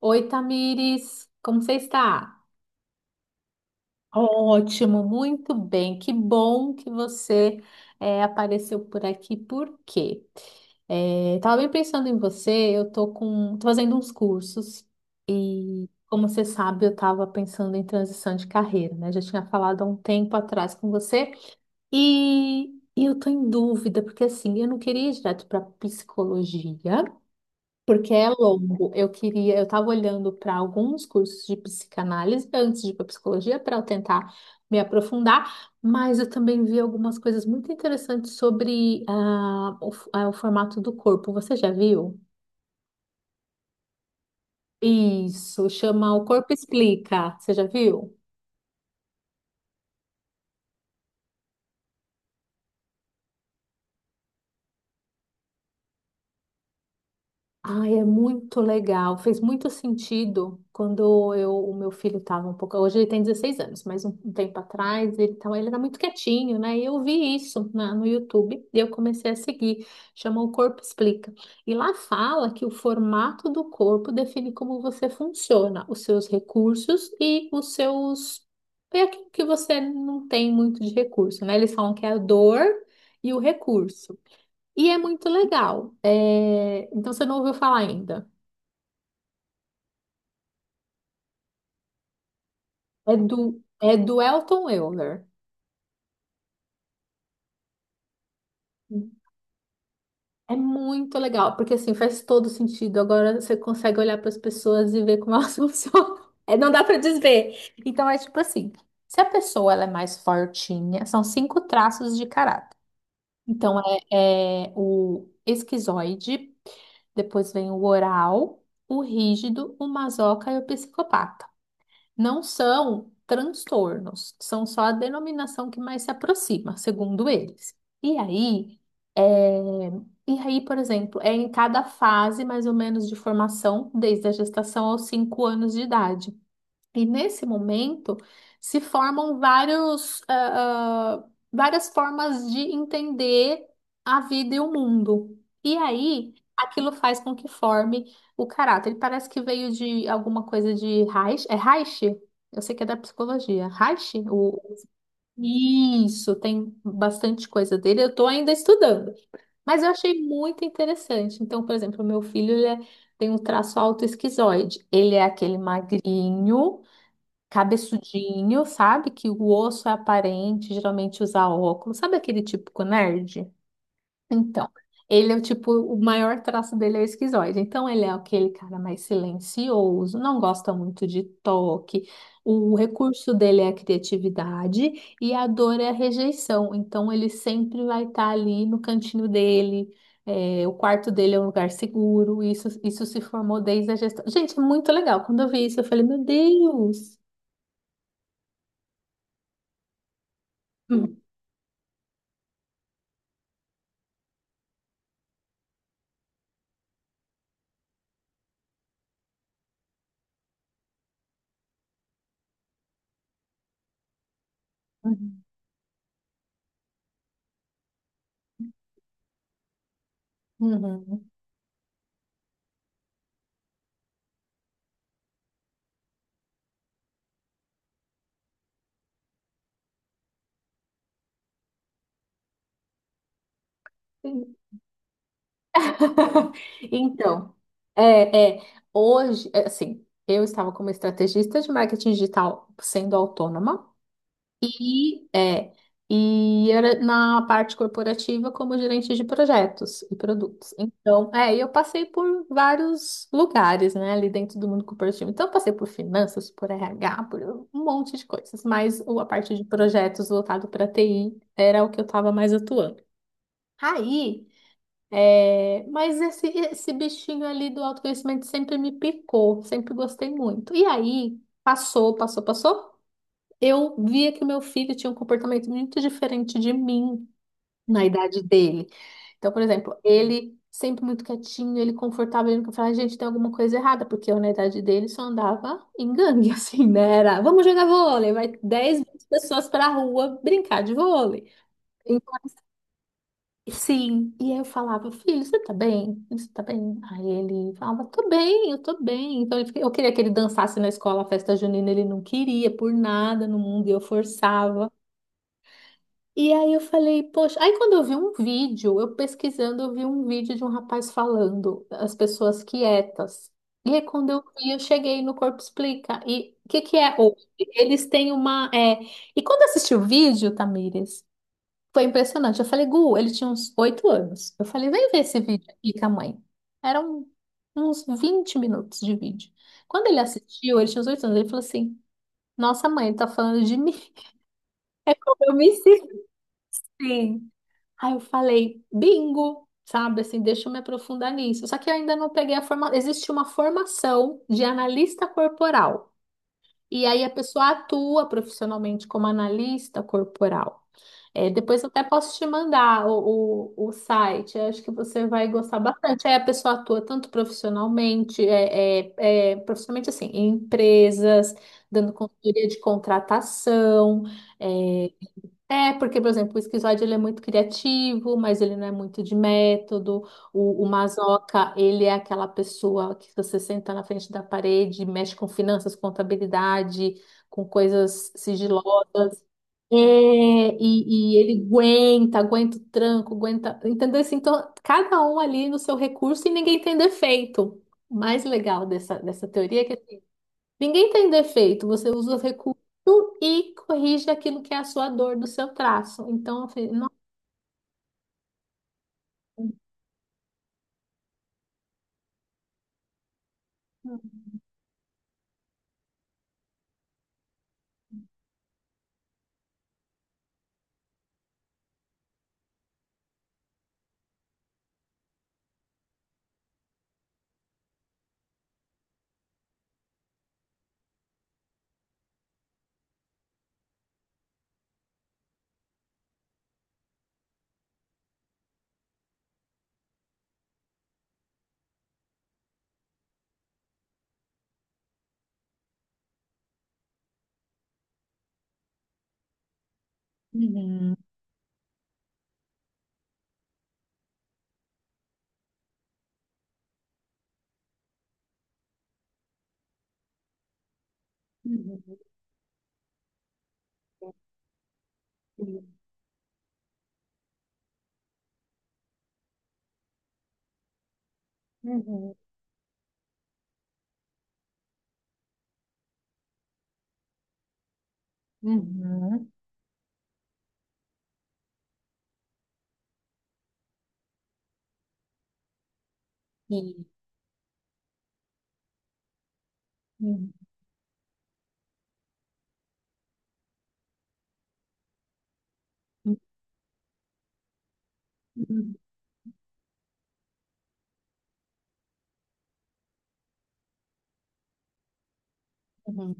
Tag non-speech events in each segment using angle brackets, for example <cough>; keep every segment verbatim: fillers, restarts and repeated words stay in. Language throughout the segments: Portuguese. Oi, Tamires, como você está? Ótimo, muito bem. Que bom que você eh, apareceu por aqui. Por quê? Eh, tava bem pensando em você. Eu tô com, tô fazendo uns cursos e, como você sabe, eu estava pensando em transição de carreira, né? Já tinha falado há um tempo atrás com você e, e eu tô em dúvida porque assim, eu não queria ir direto para psicologia. Porque é longo. Eu queria, eu estava olhando para alguns cursos de psicanálise antes de ir para psicologia para eu tentar me aprofundar, mas eu também vi algumas coisas muito interessantes sobre ah, o, f- ah, o formato do corpo. Você já viu? Isso, chama O Corpo Explica. Você já viu? Ai, é muito legal. Fez muito sentido quando eu, o meu filho estava um pouco. Hoje ele tem dezesseis anos, mas um, um tempo atrás ele, tava, ele era muito quietinho, né? E eu vi isso na- no YouTube e eu comecei a seguir. Chama O Corpo Explica. E lá fala que o formato do corpo define como você funciona, os seus recursos e os seus. É aquilo que você não tem muito de recurso, né? Eles falam que é a dor e o recurso. E é muito legal. É, Então você não ouviu falar ainda. É do, é do Elton Euler. É muito legal, porque assim faz todo sentido. Agora você consegue olhar para as pessoas e ver como elas <laughs> funcionam. É, não dá para desver. Então é tipo assim: se a pessoa ela é mais fortinha, são cinco traços de caráter. Então é, é o esquizoide, depois vem o oral, o rígido, o masoca e o psicopata. Não são transtornos, são só a denominação que mais se aproxima, segundo eles. E aí, é, e aí, por exemplo, é em cada fase mais ou menos de formação, desde a gestação aos cinco anos de idade. E nesse momento se formam vários, ah, ah, várias formas de entender a vida e o mundo. E aí, aquilo faz com que forme o caráter. Ele parece que veio de alguma coisa de Reich. É Reich? Eu sei que é da psicologia. Reich? O... Isso, tem bastante coisa dele. Eu estou ainda estudando. Mas eu achei muito interessante. Então, por exemplo, o meu filho ele é- tem um traço autoesquizoide. Ele é aquele magrinho cabeçudinho, sabe? Que o osso é aparente, geralmente usa óculos. Sabe aquele típico nerd? Então, ele é o tipo, o maior traço dele é o esquizoide. Então, ele é aquele cara mais silencioso, não gosta muito de toque. O recurso dele é a criatividade e a dor é a rejeição. Então, ele sempre vai estar ali no cantinho dele. É, o quarto dele é um lugar seguro. Isso, isso se formou desde a gestão. Gente, é muito legal. Quando eu vi isso, eu falei, meu Deus. Uhum. Uhum. Sim. <laughs> Então, é, é, hoje, é, assim, eu estava como estrategista de marketing digital sendo autônoma e, é, e era na parte corporativa como gerente de projetos e produtos. Então, é, e eu passei por vários lugares, né, ali dentro do mundo corporativo. Então, eu passei por finanças, por R H, por um monte de coisas, mas o- a parte de projetos voltado para T I era o que eu estava mais atuando. Aí, É, mas esse, esse bichinho ali do autoconhecimento sempre me picou, sempre gostei muito. E aí, passou, passou, passou. Eu via que o meu filho tinha um comportamento muito diferente de mim na idade dele. Então, por exemplo, ele sempre muito quietinho, ele confortável, ele nunca falava, gente, tem alguma coisa errada, porque eu na idade dele só andava em gangue, <laughs> assim, né? Era, vamos jogar vôlei, vai dez vinte pessoas pra rua brincar de vôlei. Então, sim, e aí eu falava, filho, você tá bem? Você tá bem? Aí ele falava, tô bem, eu tô bem. Então ele fica- eu queria que ele dançasse na escola a festa junina, ele não queria por nada no mundo e eu forçava. E aí eu falei, poxa, aí quando eu vi um vídeo, eu pesquisando, eu vi um vídeo de um rapaz falando, as pessoas quietas. E aí quando eu vi, eu cheguei no Corpo Explica. E o que que é hoje? Eles têm uma, é... E quando eu assisti o vídeo, Tamires, foi impressionante. Eu falei, Gu, ele tinha uns oito anos. Eu falei, vem ver esse vídeo aqui com a mãe. Eram uns vinte minutos de vídeo. Quando ele assistiu, ele tinha uns oito anos, ele falou assim: Nossa, mãe, tá falando de mim. <laughs> Eu me senti assim. Aí eu falei, bingo, sabe? Assim, deixa eu me aprofundar nisso. Só que eu ainda não peguei a forma. Existe uma formação de analista corporal. E aí a pessoa atua profissionalmente como analista corporal. É, depois eu até posso te mandar o, o, o site, eu acho que você vai gostar bastante. Aí a pessoa atua tanto profissionalmente, é, é, é, profissionalmente assim, em empresas, dando consultoria de contratação, é, é, porque, por exemplo, o esquizoide ele é muito criativo, mas ele não é muito de método. O, o masoca, ele é aquela pessoa que você senta na frente da parede, mexe com finanças, contabilidade, com coisas sigilosas. É, e, e ele aguenta, aguenta o tranco, aguenta. Entendeu? Assim, então, cada um ali no seu recurso e ninguém tem defeito. O mais legal dessa, dessa teoria é que ninguém tem defeito, você usa os recursos e corrige aquilo que é a sua dor do seu traço. Então, eu falei, não. Uhum, uhum, uhum, uhum, uhum, uhum, uhum, uhum,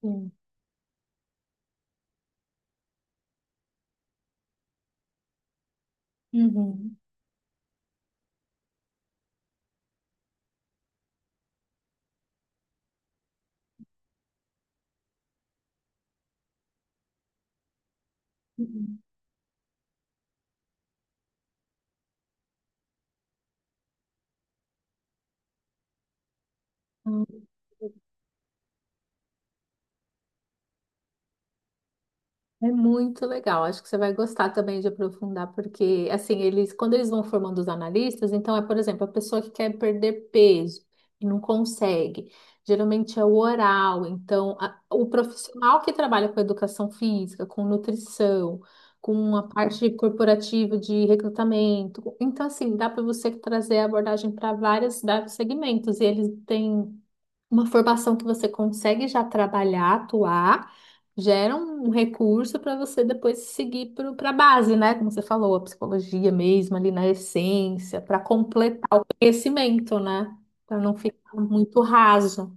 sim, uhum, uhum. É muito legal, acho que você vai gostar também de aprofundar, porque assim, eles, quando eles vão formando os analistas, então é, por exemplo, a pessoa que quer perder peso e não consegue, geralmente é o oral, então a- o profissional que trabalha com educação física, com nutrição, com a parte corporativa de recrutamento, então assim, dá para você trazer a abordagem para vários, vários segmentos, e eles têm uma formação que você consegue já trabalhar, atuar, gera um recurso para você depois seguir para a base, né? Como você falou, a psicologia mesmo, ali na essência, para completar o conhecimento, né? Para não ficar muito raso.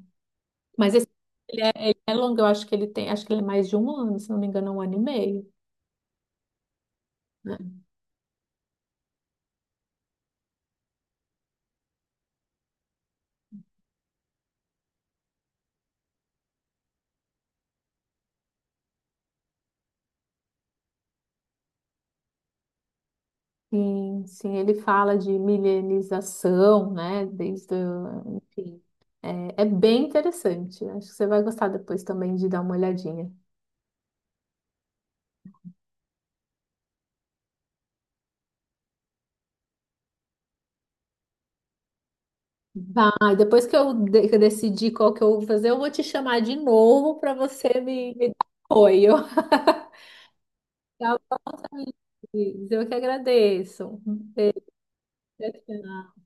Mas esse ele é, ele é longo, eu acho que ele tem, acho que ele é mais de um ano, se não me engano, é um ano e meio. Né? Sim, sim, ele fala de milenização, né? Desde, o- enfim, é, é bem interessante. Acho que você vai gostar depois também de dar uma olhadinha. Vai, depois que eu, de- que eu decidir qual que eu vou fazer, eu vou te chamar de novo para você me, me dar apoio. <laughs> Tá, Luiz? Eu que agradeço. Tchau, tchau.